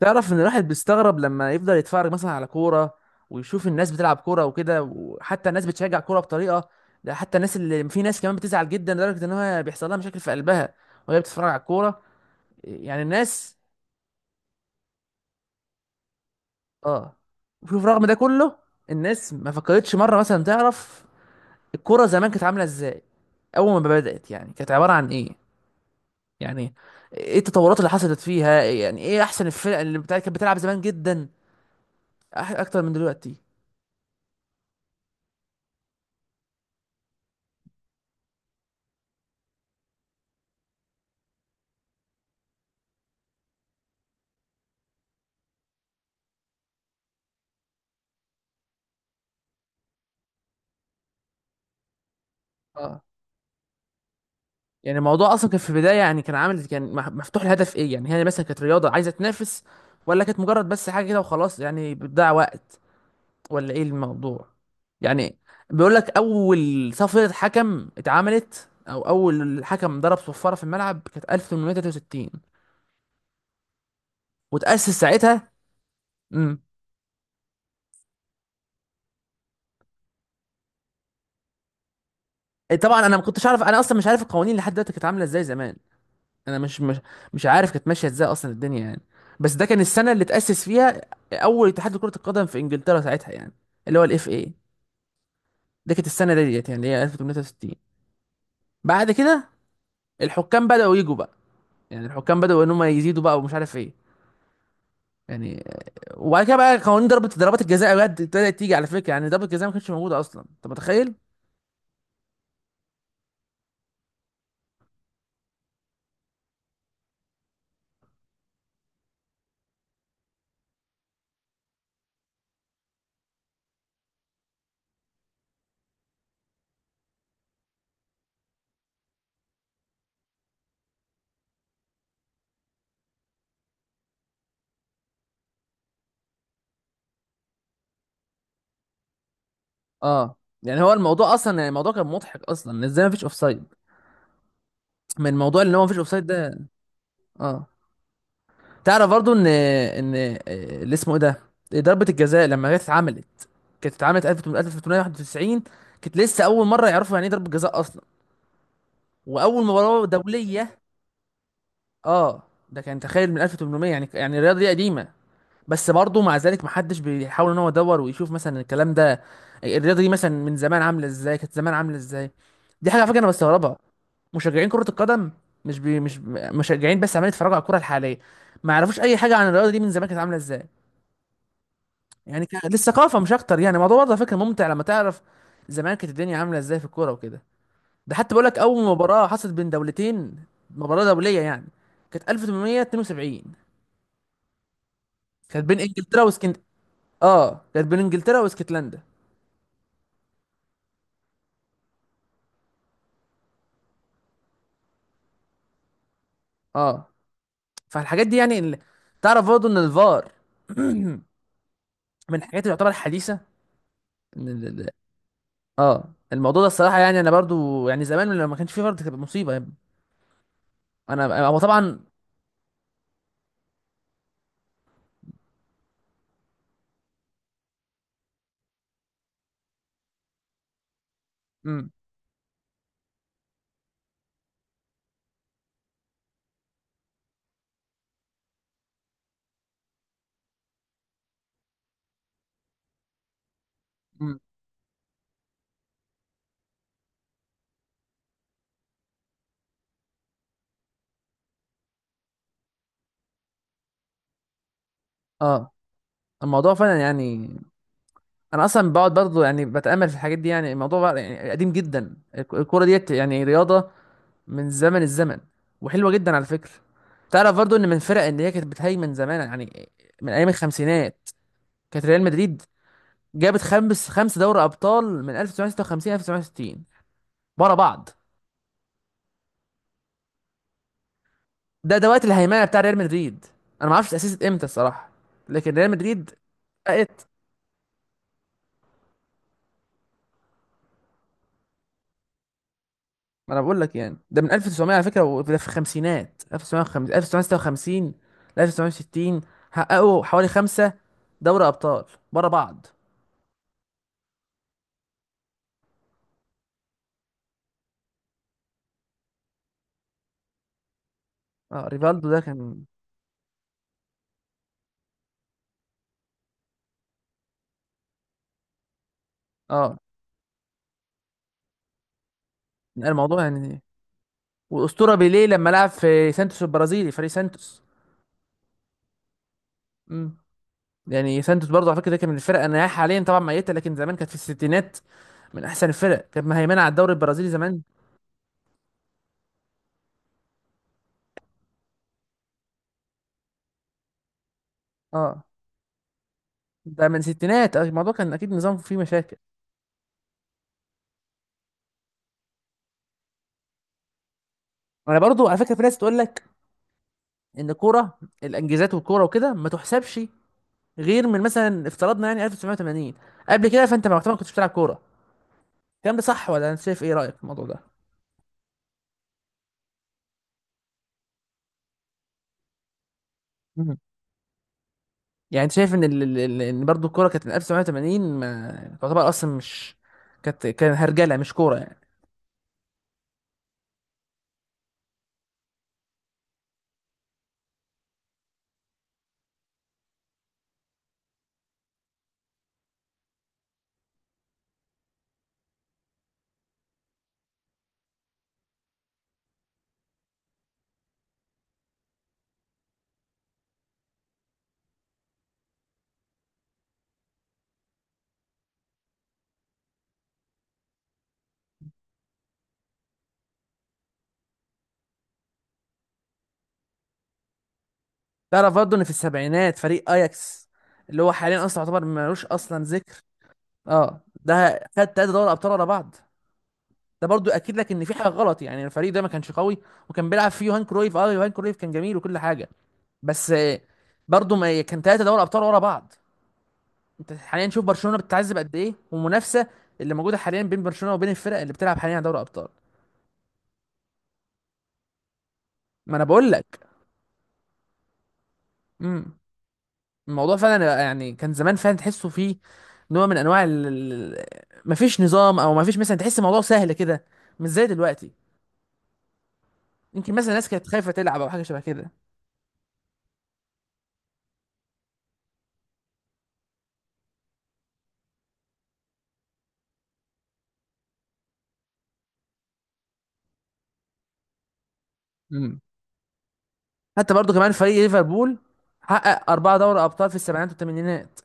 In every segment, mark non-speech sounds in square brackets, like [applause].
تعرف ان الواحد بيستغرب لما يفضل يتفرج مثلا على كوره، ويشوف الناس بتلعب كوره وكده، وحتى الناس بتشجع كوره بطريقه. ده حتى الناس اللي في ناس كمان بتزعل جدا لدرجه ان هو بيحصل لها مشاكل في قلبها وهي بتتفرج على الكوره. يعني الناس اه. وشوف رغم ده كله الناس ما فكرتش مره مثلا تعرف الكوره زمان كانت عامله ازاي، اول ما بدات يعني كانت عباره عن ايه، يعني ايه التطورات اللي حصلت فيها، يعني ايه احسن الفرق كانت بتلعب زمان جدا اكتر من دلوقتي. اه يعني الموضوع اصلا كان في البدايه يعني كان عامل كان مفتوح الهدف ايه، يعني هي مثلا كانت رياضه عايزه تنافس، ولا كانت مجرد بس حاجه كده وخلاص يعني بتضيع وقت، ولا ايه الموضوع. يعني بيقول لك اول صفره حكم اتعملت او اول حكم ضرب صفاره في الملعب كانت 1863، وتاسس ساعتها. امم طبعا انا ما كنتش عارف، انا اصلا مش عارف القوانين لحد دلوقتي كانت عامله ازاي زمان. انا مش مش عارف كانت ماشيه ازاي اصلا الدنيا يعني. بس ده كان السنه اللي تاسس فيها اول اتحاد لكره القدم في انجلترا ساعتها يعني، اللي هو الاف اي. ده كانت السنه ديت يعني اللي هي 1863. بعد كده الحكام بداوا يجوا بقى، يعني الحكام بداوا ان هم يزيدوا بقى ومش عارف ايه يعني. وبعد كده بقى قوانين ضربات الجزاء بجد ابتدت تيجي. على فكره يعني ضربة الجزاء ما كانتش موجوده اصلا، انت متخيل؟ اه يعني هو الموضوع اصلا يعني الموضوع كان مضحك اصلا ازاي ما فيش اوفسايد، من الموضوع اللي هو ما فيش اوفسايد ده. اه تعرف برضو ان اللي اسمه ايه ده، ضربة الجزاء لما جت اتعملت كانت اتعملت 1891، كانت لسه اول مرة يعرفوا يعني ايه ضربة جزاء اصلا، واول مباراة دولية. اه ده كان تخيل من 1800، يعني يعني الرياضة دي قديمة. بس برضو مع ذلك محدش بيحاول ان هو يدور ويشوف مثلا الكلام ده، الرياضة دي مثلا من زمان عاملة ازاي، كانت زمان عاملة ازاي. دي حاجة على فكرة انا بستغربها. مشجعين كرة القدم مش بي مش مشجعين بس عمالين يتفرجوا على الكرة الحالية، ما يعرفوش اي حاجة عن الرياضة دي من زمان كانت عاملة ازاي. يعني للثقافه مش اكتر. يعني الموضوع برضه على فكره ممتع لما تعرف زمان كانت الدنيا عامله ازاي في الكوره وكده. ده حتى بقول لك اول مباراه حصلت بين دولتين، مباراه دوليه يعني، كانت 1872، كانت بين انجلترا اه كانت بين انجلترا واسكتلندا. اه فالحاجات دي يعني ال... تعرف برضه ان الفار [clears throat] من الحاجات اللي تعتبر حديثه. ان اه الموضوع ده الصراحه يعني انا برضو يعني زمان لما ما كانش فيه فار دي كانت مصيبه يا ابني. انا هو طبعا. مم. مم. اه الموضوع فعلا يعني انا اصلا بقعد برضه يعني بتامل في الحاجات دي. يعني الموضوع بقى يعني قديم جدا، الكوره ديت يعني رياضه من زمن الزمن، وحلوه جدا على فكره. تعرف برضه ان من الفرق اللي هي كانت بتهيمن زمان، يعني من ايام الخمسينات كانت ريال مدريد، جابت خمس دوري ابطال من 1956 1960 ورا بعض. ده ده وقت الهيمنه بتاع ريال مدريد. انا ما اعرفش اتاسست امتى الصراحه، لكن ريال مدريد، ما انا بقول لك يعني ده من 1900 على فكره، وده في الخمسينات 1950 1956 ل 1960 حققوا حوالي خمسه دوري ابطال ورا بعض. اه ريفالدو ده كان. اه الموضوع يعني والاسطوره بيليه لما لعب في سانتوس البرازيلي فريق سانتوس. امم يعني سانتوس برضه على فكره ده كان من الفرق، انا حاليا طبعا ميته، لكن زمان كانت في الستينات من احسن الفرق، كانت مهيمنه على الدوري البرازيلي زمان. اه ده من الستينات. الموضوع كان اكيد نظام فيه مشاكل. انا برضو على فكره في ناس تقول لك ان الكوره الانجازات والكوره وكده ما تحسبش غير من مثلا افترضنا يعني 1980، قبل كده فانت معتبر ما كنتش بتلعب كوره. الكلام ده صح ولا انت شايف ايه رايك في الموضوع ده؟ مم. يعني انت شايف ان ال... ال- ال- ان برضو الكوره كانت من 1980 ما تعتبر اصلا مش، كانت كان هرجله مش كوره يعني. تعرف برضو ان في السبعينات فريق اياكس، اللي هو حاليا اصلا يعتبر ملوش اصلا ذكر، اه ده خد تلاته دوري ابطال ورا بعض. ده برضو اكيد لك ان في حاجه غلط يعني، الفريق ده ما كانش قوي، وكان بيلعب فيه يوهان كرويف. اه يوهان كرويف كان جميل وكل حاجه، بس برضه ما كان ثلاثه دوري ابطال ورا بعض. انت حاليا شوف برشلونه بتتعذب قد ايه، والمنافسه اللي موجوده حاليا بين برشلونه وبين الفرق اللي بتلعب حاليا على دوري ابطال. ما انا بقول لك. امم. الموضوع فعلا يعني كان زمان فعلا تحسه فيه نوع من انواع مفيش نظام، او مفيش مثلا، تحس الموضوع سهل كده مش زي دلوقتي. يمكن مثلا الناس كانت خايفه تلعب او حاجه شبه كده. امم. حتى برضه كمان فريق ليفربول حقق اربعه دوري ابطال في السبعينات والثمانينات،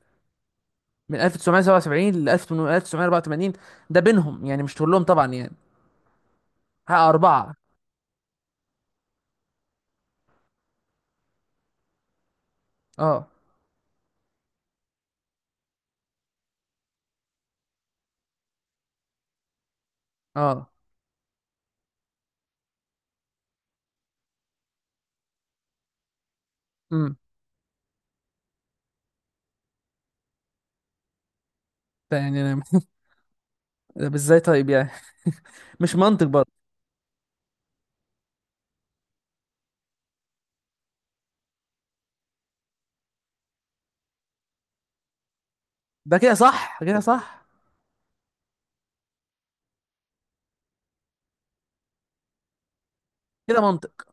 من 1977 ل 1984. ده بينهم يعني مش كلهم طبعا يعني. ها أربعة. اه. اه. امم. ده يعني أنا. [laughs] طب ازاي طيب يعني، مش منطق برضه. ده كده صح كده صح. كده منطق.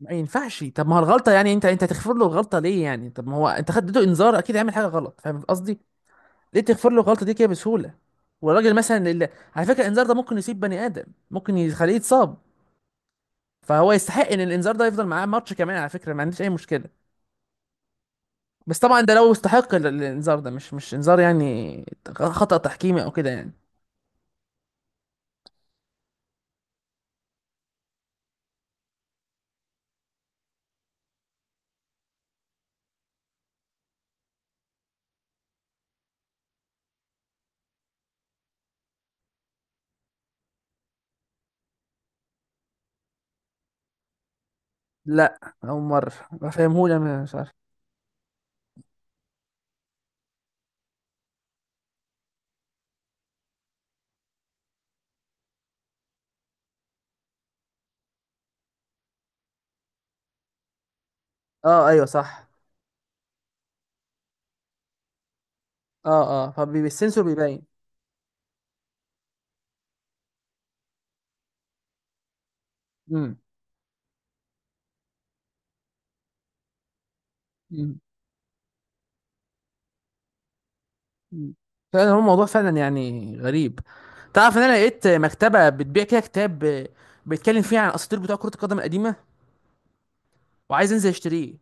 ما ينفعش، طب ما هو الغلطة يعني، انت تغفر له الغلطة ليه يعني؟ طب ما هو انت خدته انذار اكيد هيعمل حاجة غلط، فاهم قصدي؟ ليه تغفر له الغلطة دي كده بسهولة؟ والراجل مثلا اللي... على فكرة الانذار ده ممكن يصيب بني آدم، ممكن يخليه يتصاب، فهو يستحق ان الانذار ده يفضل معاه ماتش كمان. على فكرة ما عنديش اي مشكلة، بس طبعا ده لو استحق الانذار، ده مش مش انذار يعني، خطأ تحكيمي او كده يعني. لا اول مره. فاهمهولي انا مش عارف. اه ايوه صح. اه اه فالسنسور بيبين. امم. امم. أمم. فعلا هو الموضوع فعلا يعني غريب. تعرف ان انا لقيت مكتبه بتبيع كده كتاب بيتكلم فيه عن الاساطير بتوع كره القدم القديمه، وعايز انزل اشتريه.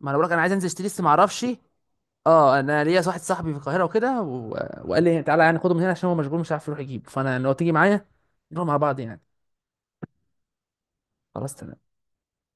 ما انا بقولك انا عايز انزل اشتريه بس ما اعرفش. اه انا ليا واحد صاحبي في القاهره وكده و... وقال لي تعالى يعني خده من هنا عشان هو مشغول مش عارف يروح يجيب، فانا لو تيجي معايا نروح مع بعض يعني. خلاص تمام.